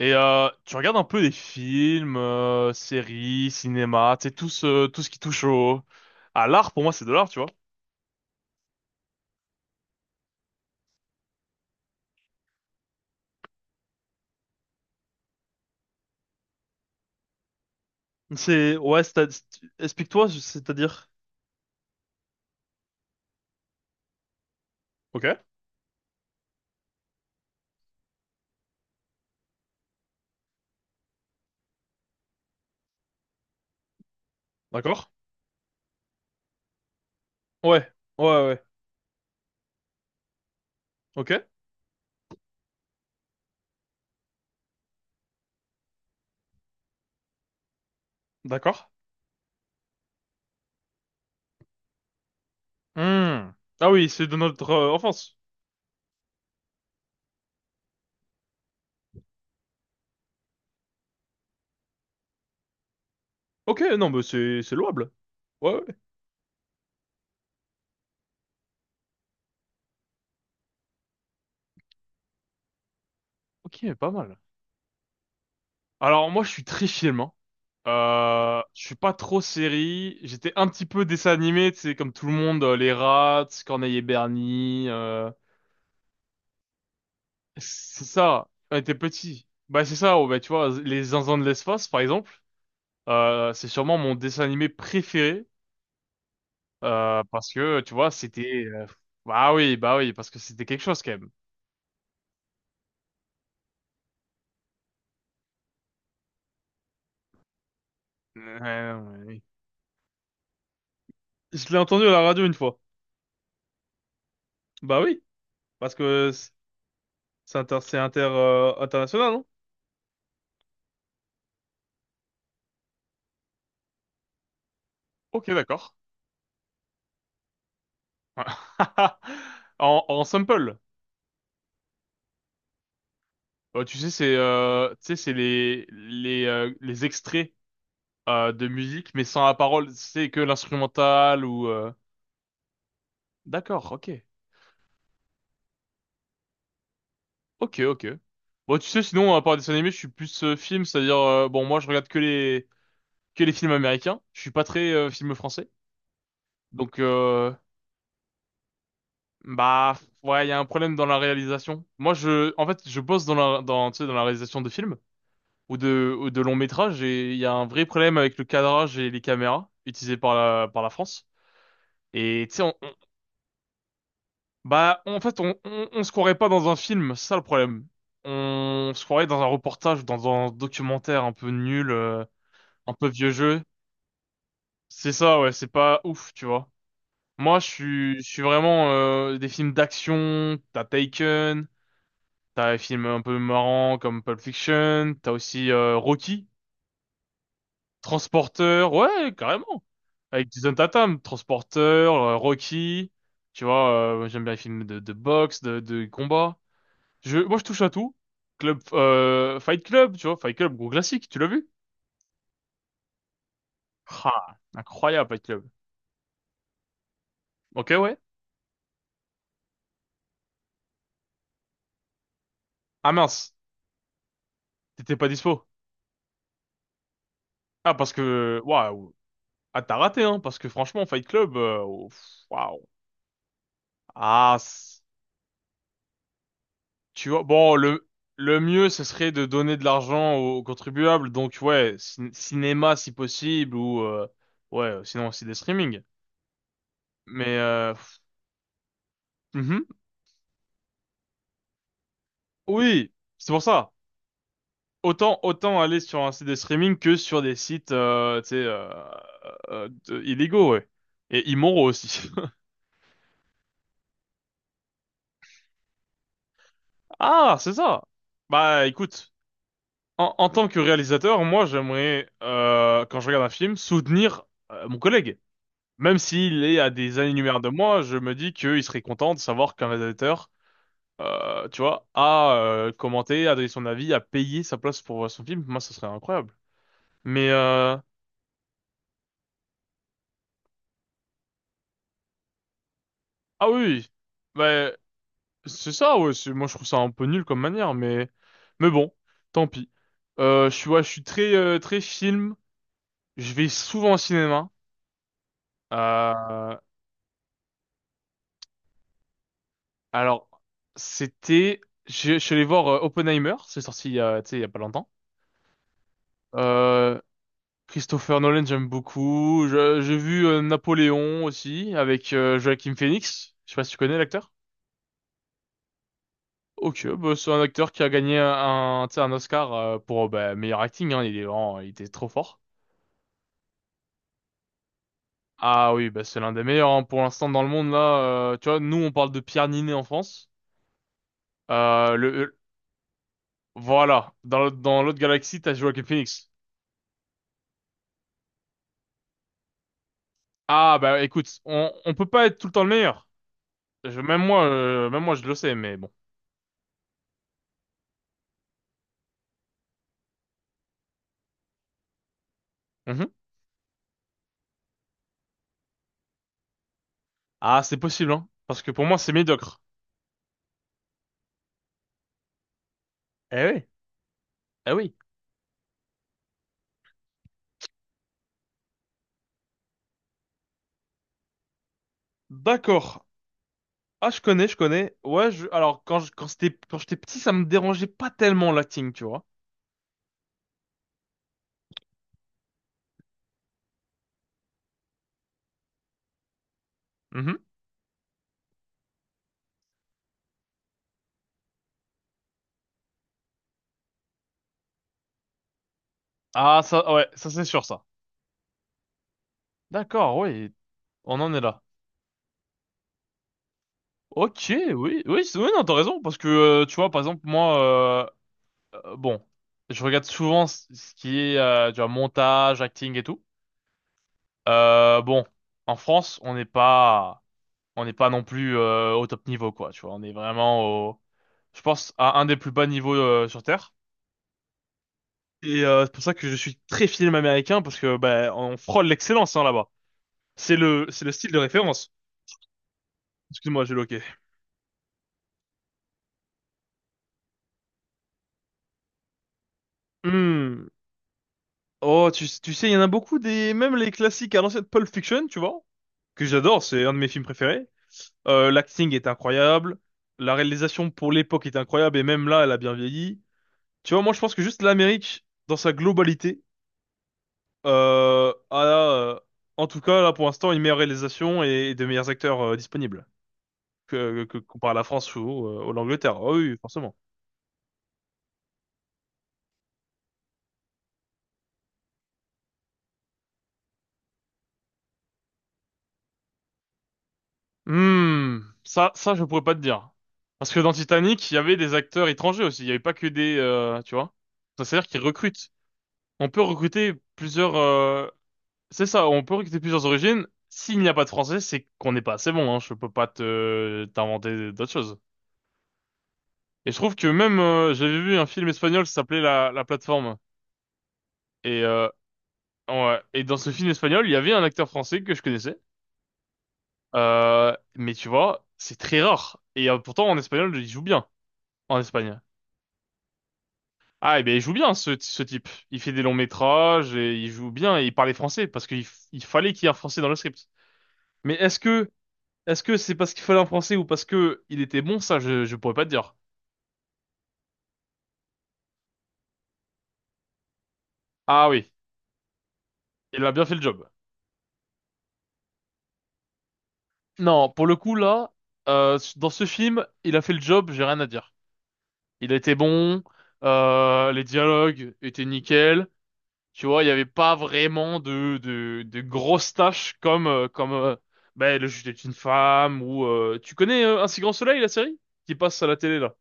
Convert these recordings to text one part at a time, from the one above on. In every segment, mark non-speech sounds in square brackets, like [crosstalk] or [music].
Et tu regardes un peu des films, séries, cinéma, tu sais, tout ce qui touche au, à l'art, pour moi, c'est de l'art, tu vois. Ouais, explique-toi, c'est-à-dire. Ok, d'accord. Ouais, ouais, ouais. Ok, d'accord. Hmm. Ah oui, c'est de notre enfance. Ok, non, mais c'est louable. Ouais, ouais. Ok, pas mal. Alors, moi, je suis très film, hein. Je suis pas trop série. J'étais un petit peu dessin animé, tu sais, comme tout le monde, les Rats, Corneille et Bernie, c'est ça, on était petit. Bah c'est ça, oh, bah, tu vois, les Zinzins de l'espace, par exemple, c'est sûrement mon dessin animé préféré, parce que, tu vois, c'était... bah oui, parce que c'était quelque chose quand même. Ouais, ouais, oui. Je l'ai entendu à la radio une fois. Bah oui, parce que c'est c'est international, non? Ok, d'accord. [laughs] En sample. Tu sais, c'est tu sais, c'est les extraits de musique, mais sans la parole, c'est que l'instrumental ou... D'accord, ok. Ok, ok. Bon, tu sais, sinon, à part dessin animé, je suis plus film, c'est-à-dire, bon, moi, je regarde que les films américains. Je suis pas très film français. Donc, bah, ouais, il y a un problème dans la réalisation. Moi, en fait, je bosse dans dans, tu sais, dans la réalisation de films ou de longs métrages et il y a un vrai problème avec le cadrage et les caméras utilisées par la France. Et tu sais, bah, en fait, on se croirait pas dans un film, c'est ça le problème. On se croirait dans un reportage, dans un documentaire un peu nul, un peu vieux jeu. C'est ça, ouais, c'est pas ouf, tu vois. Moi, je suis vraiment des films d'action, t'as Taken, t'as des films un peu marrants comme Pulp Fiction, t'as aussi Rocky, Transporteur, ouais, carrément, avec Jason Tatum, Transporteur, Rocky, tu vois, j'aime bien les films de boxe, de combat. Moi, je touche à tout. Club, Fight Club, tu vois, Fight Club, gros classique, tu l'as vu? Ah, incroyable, Fight Club. Ok, ouais. Ah mince, t'étais pas dispo. Ah, parce que, waouh, ah, t'as raté, hein, parce que franchement, Fight Club, oh, pff, waouh. Ah, tu vois, bon, le mieux, ce serait de donner de l'argent aux contribuables, donc ouais, cinéma si possible, ou ouais, sinon aussi des streamings. Mais pff, mhm. Oui, c'est pour ça. Autant, autant aller sur un site de streaming que sur des sites illégaux, ouais. Et immoraux aussi. [laughs] Ah, c'est ça. Bah écoute, en tant que réalisateur, moi j'aimerais, quand je regarde un film, soutenir mon collègue. Même s'il est à des années-lumière de moi, je me dis qu'il serait content de savoir qu'un réalisateur, tu vois, a commenté, a donné son avis, a payé sa place pour voir son film. Moi, ça serait incroyable. Mais ah oui, oui. Bah, c'est ça, ouais. Moi, je trouve ça un peu nul comme manière, mais bon, tant pis. Ouais, je suis très très film. Je vais souvent au cinéma. Euh, alors, c'était, je suis allé voir Oppenheimer. C'est sorti il y a, tu sais, il y a pas longtemps. Euh, Christopher Nolan, j'aime beaucoup. J'ai vu Napoléon aussi avec Joaquin Phoenix. Je sais pas si tu connais l'acteur. Ok, bah, c'est un acteur qui a gagné un, tu sais, un Oscar pour bah, meilleur acting, hein. Il était trop fort. Ah oui, bah c'est l'un des meilleurs hein, pour l'instant dans le monde là. Tu vois, nous on parle de Pierre Niney en France. Euh, le, le- voilà, dans l'autre galaxie, t'as Joaquin Phoenix. Ah bah écoute, on peut pas être tout le temps le meilleur. Même moi je le sais, mais bon. Mhm. Ah c'est possible hein, parce que pour moi c'est médiocre. Eh oui, eh oui. D'accord. Ah je connais, je connais. Ouais, je, alors quand je, quand c'était quand j'étais petit, ça me dérangeait pas tellement l'acting, tu vois. Mhm. Ah ça, ouais, ça c'est sûr ça. D'accord, oui, on en est là. Ok, oui, oui, oui, non, t'as raison, parce que tu vois, par exemple, moi, euh, euh, bon, je regarde souvent ce qui est tu vois, montage, acting et tout. Euh, bon, en France, on n'est pas non plus au top niveau, quoi. Tu vois, on est vraiment au, je pense, à un des plus bas niveaux sur Terre. Et c'est pour ça que je suis très film américain, parce que ben on frôle l'excellence hein, là-bas. C'est le style de référence. Excuse-moi, j'ai loqué. Hmm. Oh, tu sais, il y en a beaucoup des, même les classiques à l'ancienne Pulp Fiction, tu vois, que j'adore, c'est un de mes films préférés. L'acting est incroyable, la réalisation pour l'époque est incroyable, et même là, elle a bien vieilli. Tu vois, moi, je pense que juste l'Amérique, dans sa globalité, euh, a, euh, en tout cas, là, pour l'instant, une meilleure réalisation et de meilleurs acteurs disponibles comparé à la France ou, ou l'Angleterre. Oh oui, forcément. Hmm, je pourrais pas te dire. Parce que dans Titanic, il y avait des acteurs étrangers aussi. Il y avait pas que des, tu vois. Ça, c'est-à-dire qu'ils recrutent. On peut recruter plusieurs, c'est ça, on peut recruter plusieurs origines. S'il n'y a pas de français, c'est qu'on n'est pas assez bon, hein. Je peux pas te t'inventer d'autres choses. Et je trouve que même, j'avais vu un film espagnol qui s'appelait La Plateforme. Et ouais. Et dans ce film espagnol, il y avait un acteur français que je connaissais. Mais tu vois, c'est très rare. Et pourtant, en espagnol, il joue bien en Espagne. Ah, eh bien, il joue bien, ce type. Il fait des longs métrages et il joue bien et il parlait français il fallait qu'il y ait un français dans le script. Mais est-ce que, est-ce que c'est parce qu'il fallait un français ou parce que il était bon, ça, je pourrais pas te dire. Ah oui, il a bien fait le job. Non, pour le coup, là, dans ce film, il a fait le job, j'ai rien à dire. Il a été bon, les dialogues étaient nickel. Tu vois, il n'y avait pas vraiment de grosses tâches comme ben, le juge est une femme ou... tu connais Un si Grand Soleil, la série? Qui passe à la télé, là.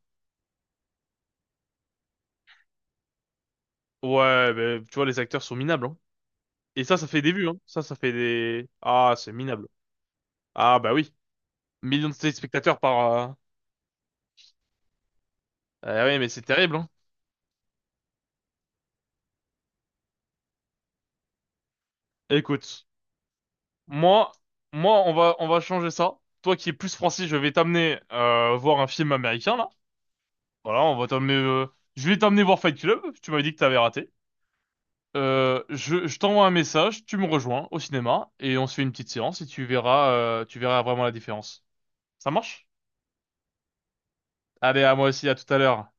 Ouais, ben, tu vois, les acteurs sont minables, hein. Et ça fait des vues, hein. Ça fait des... Ah, c'est minable. Ah, bah oui. Millions de téléspectateurs par... Euh... eh oui, mais c'est terrible, hein. Écoute, moi, on va changer ça. Toi qui es plus français, je vais t'amener voir un film américain, là. Voilà, on va t'amener... je vais t'amener voir Fight Club. Tu m'avais dit que t'avais raté. Je t'envoie un message, tu me rejoins au cinéma et on se fait une petite séance et tu verras vraiment la différence. Ça marche? Allez, à moi aussi, à tout à l'heure.